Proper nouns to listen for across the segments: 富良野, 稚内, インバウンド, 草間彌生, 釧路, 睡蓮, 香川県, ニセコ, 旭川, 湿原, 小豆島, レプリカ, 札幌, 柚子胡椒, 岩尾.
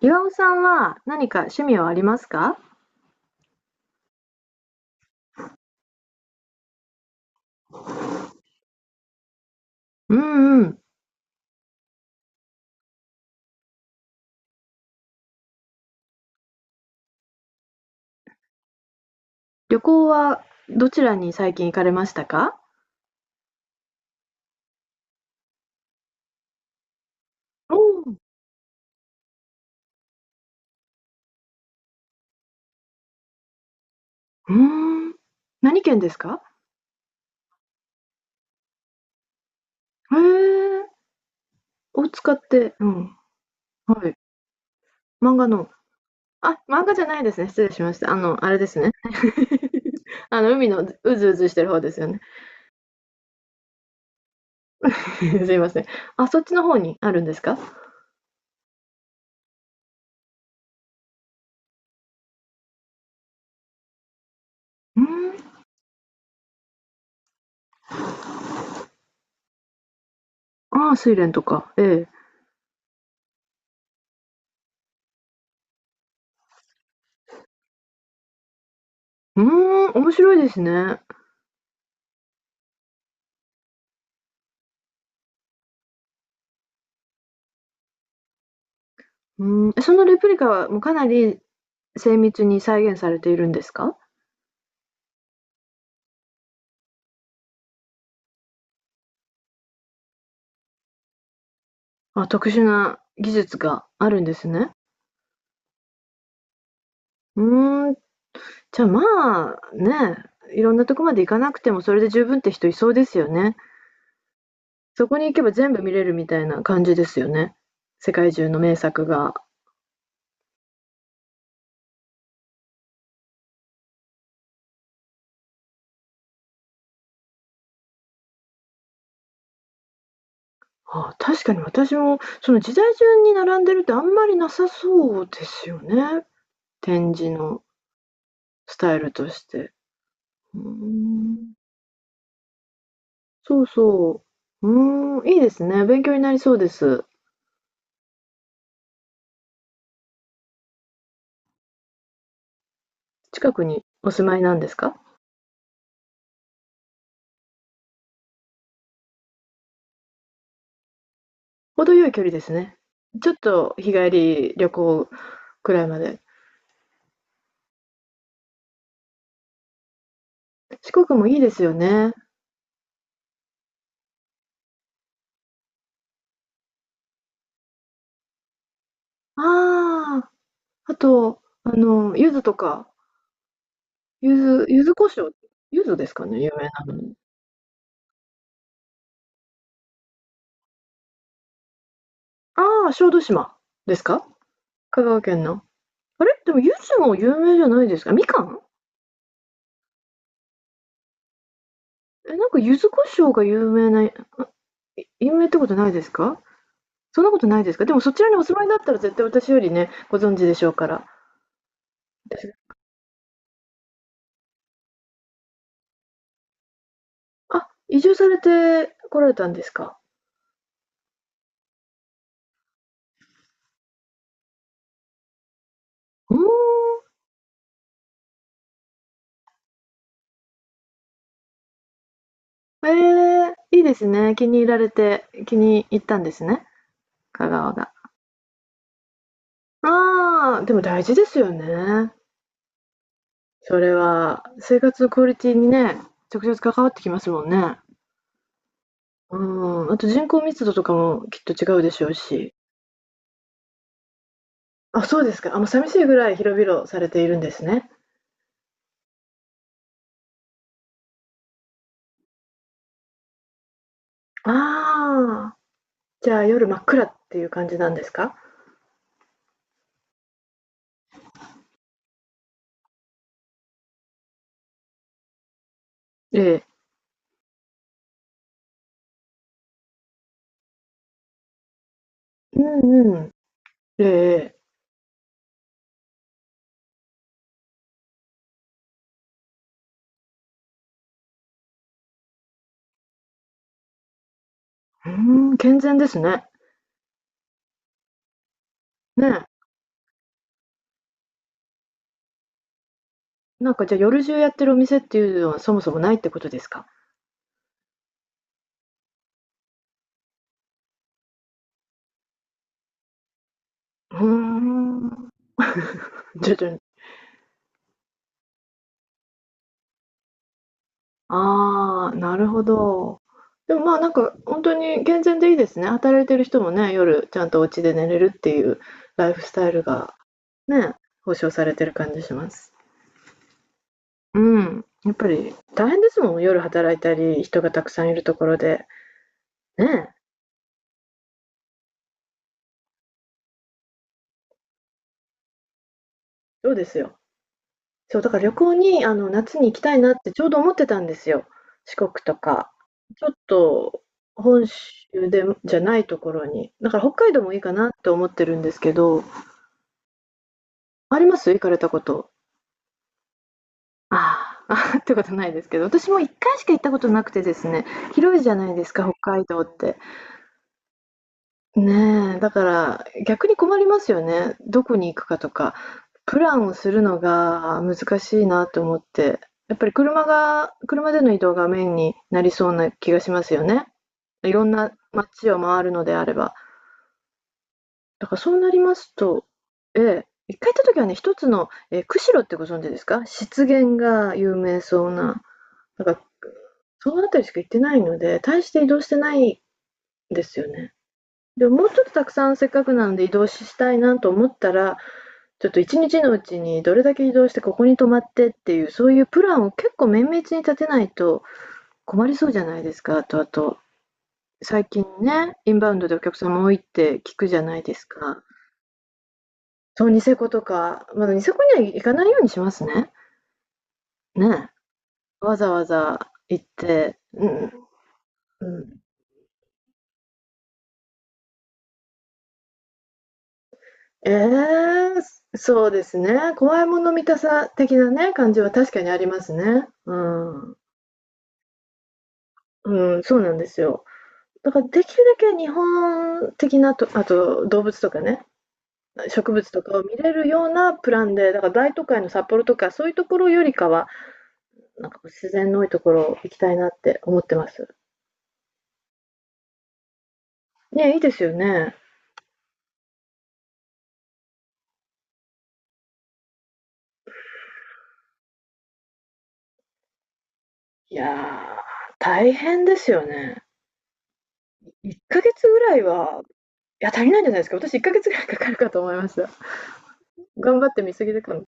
岩尾さんは何か趣味はありますか？うんうん。旅行はどちらに最近行かれましたか？おー、うーん。何県ですか？へえ。を使って、うん。はい。漫画の。あ、漫画じゃないですね。失礼しました。あれですね。海のうずうずしてる方ですよね。すいません。あ、そっちの方にあるんですか？うーん。ああ、睡蓮とか。ええ。うーん、面白いですね。うーん、そのレプリカはもうかなり精密に再現されているんですか？あ、特殊な技術があるんですね。うーん、じゃ、あ、まあ、ね、いろんなとこまで行かなくてもそれで十分って人いそうですよね。そこに行けば全部見れるみたいな感じですよね。世界中の名作が。ああ、確かに私もその時代順に並んでるってあんまりなさそうですよね、展示のスタイルとして。うーん、そうそう。うーん、いいですね、勉強になりそうです。近くにお住まいなんですか？程よい距離ですね。ちょっと日帰り旅行くらいまで。四国もいいですよね。ああ、あと、柚子とか、柚子、柚子胡椒、柚子ですかね、有名なのに。ああ、小豆島ですか？香川県の。あれ、でも柚子も有名じゃないですか？みかん？え、なんか柚子胡椒が有名な、有名ってことないですか？そんなことないですか？でもそちらにお住まいだったら絶対私よりね、ご存知でしょうから。あ、移住されて来られたんですか？うん。ええ、いいですね。気に入ったんですね、香川が。ああ、でも大事ですよね。それは、生活のクオリティにね、直接関わってきますもんね。うん、あと人口密度とかもきっと違うでしょうし。あ、そうですか。あ、もう寂しいぐらい広々されているんですね。ああ、じゃあ夜真っ暗っていう感じなんですか？ええ。うんうん。ええ、うん、健全ですね。ねえ。なんかじゃあ夜中やってるお店っていうのはそもそもないってことですか？うーん。徐々に。ああ、なるほど。でもまあ、なんか本当に健全でいいですね。働いてる人もね、夜ちゃんとお家で寝れるっていうライフスタイルがね、保障されてる感じします。うん、やっぱり大変ですもん、夜働いたり、人がたくさんいるところで。ねえ、そうですよ。そう、だから旅行に、あの、夏に行きたいなってちょうど思ってたんですよ。四国とか。ちょっと本州でじゃないところに。だから北海道もいいかなって思ってるんですけど、あります、行かれたこと。あーあー、ああってことないですけど、私も1回しか行ったことなくてですね、広いじゃないですか、北海道って。ねえ、だから逆に困りますよね。どこに行くかとか、プランをするのが難しいなと思って、やっぱり車での移動がメインになりそうな気がしますよね。いろんな街を回るのであれば。だからそうなりますと、ええ、一回行った時はね、一つの、ええ、釧路ってご存知ですか？湿原が有名そうな、なんから、その辺りしか行ってないので、大して移動してないんですよね。でも、もうちょっとたくさんせっかくなので移動したいなと思ったら、ちょっと1日のうちにどれだけ移動してここに泊まってっていう、そういうプランを結構綿密に立てないと困りそうじゃないですか。あとあと、最近ね、インバウンドでお客様多いって聞くじゃないですか。そう、ニセコとか、まだニセコには行かないようにしますね。ね。わざわざ行って、うん、うん。ええ、そうですね。怖いもの見たさ的なね、感じは確かにありますね。うん。うん、そうなんですよ。だからできるだけ日本的なと、あと動物とかね、植物とかを見れるようなプランで、だから大都会の札幌とかそういうところよりかは、なんか自然の多いところ行きたいなって思ってます。ね、いいですよね。いやー、大変ですよね。1ヶ月ぐらいは、いや、足りないんじゃないですか。私1ヶ月ぐらいかかるかと思いました。頑張って見過ぎでかも。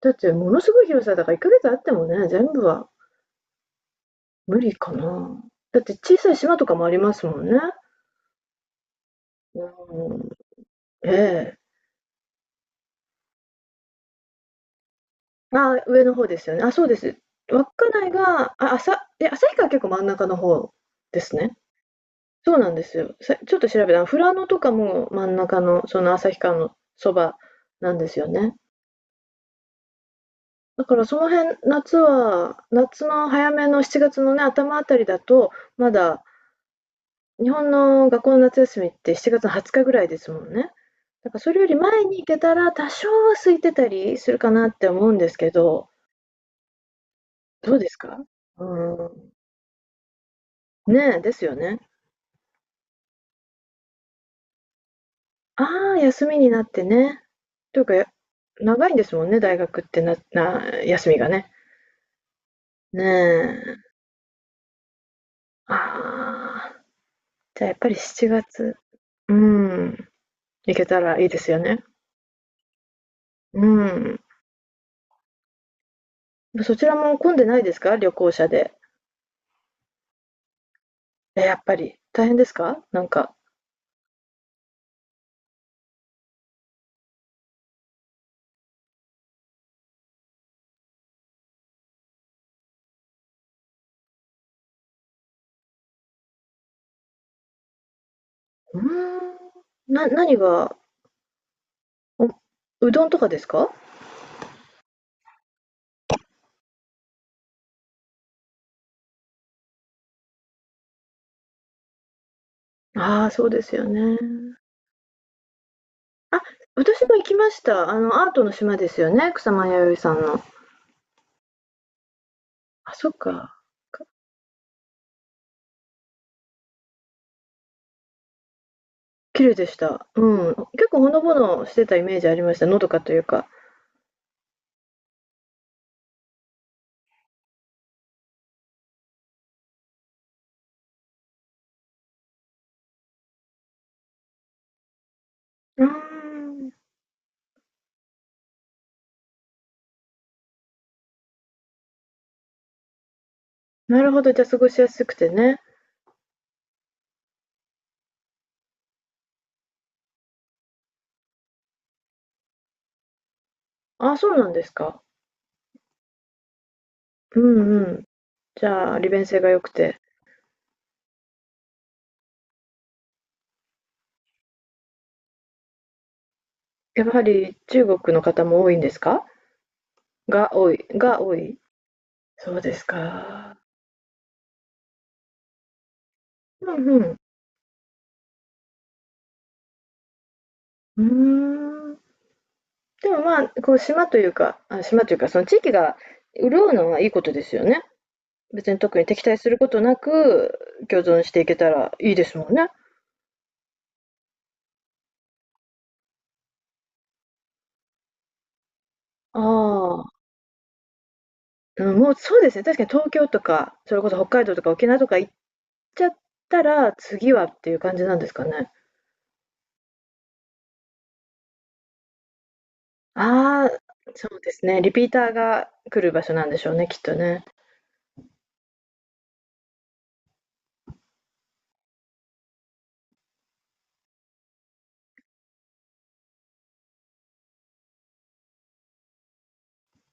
だってものすごい広さだから1ヶ月あってもね、全部は無理かな。だって小さい島とかもありますもんね。うん、ええ。あ、上の方ですよね。あ、そうです。稚内が、え、旭川結構真ん中の方ですね。そうなんですよ。ちょっと調べたら、富良野とかも真ん中の、その旭川のそばなんですよね。だからその辺、夏の早めの7月のね、頭あたりだと、まだ日本の学校の夏休みって7月の20日ぐらいですもんね。だからそれより前に行けたら、多少は空いてたりするかなって思うんですけど、どうですか？うーん。ねえ、ですよね。ああ、休みになってね。というか、や長いんですもんね、大学って休みがね。ねえ。ああ、じゃあやっぱり7月、うーん、行けたらいいですよね。うん。そちらも混んでないですか？旅行者で。え、やっぱり。大変ですか？なんか。うーん。何が、おうどんとかですか？ああー、そうですよね。あ、私も行きました。あの、アートの島ですよね、草間彌生さんの。あ、そっか。か綺麗でした。うん。結構ほのぼのしてたイメージありました。のどかというか。うーん。なるほど、じゃ、過ごしやすくてね。ああ、そうなんですか。うんうん。じゃあ、利便性が良くて。やはり中国の方も多いんですか？が多い？そうですか。うんうん。うーん。でも、まあ、こう島というか、あ、島というか、その地域が潤うのはいいことですよね。別に特に敵対することなく、共存していけたらいいですもんね。ああ、うん、もうそうですね、確かに東京とか、それこそ北海道とか沖縄とか行っちゃったら、次はっていう感じなんですかね。ああ、そうですね、リピーターが来る場所なんでしょうね、きっとね。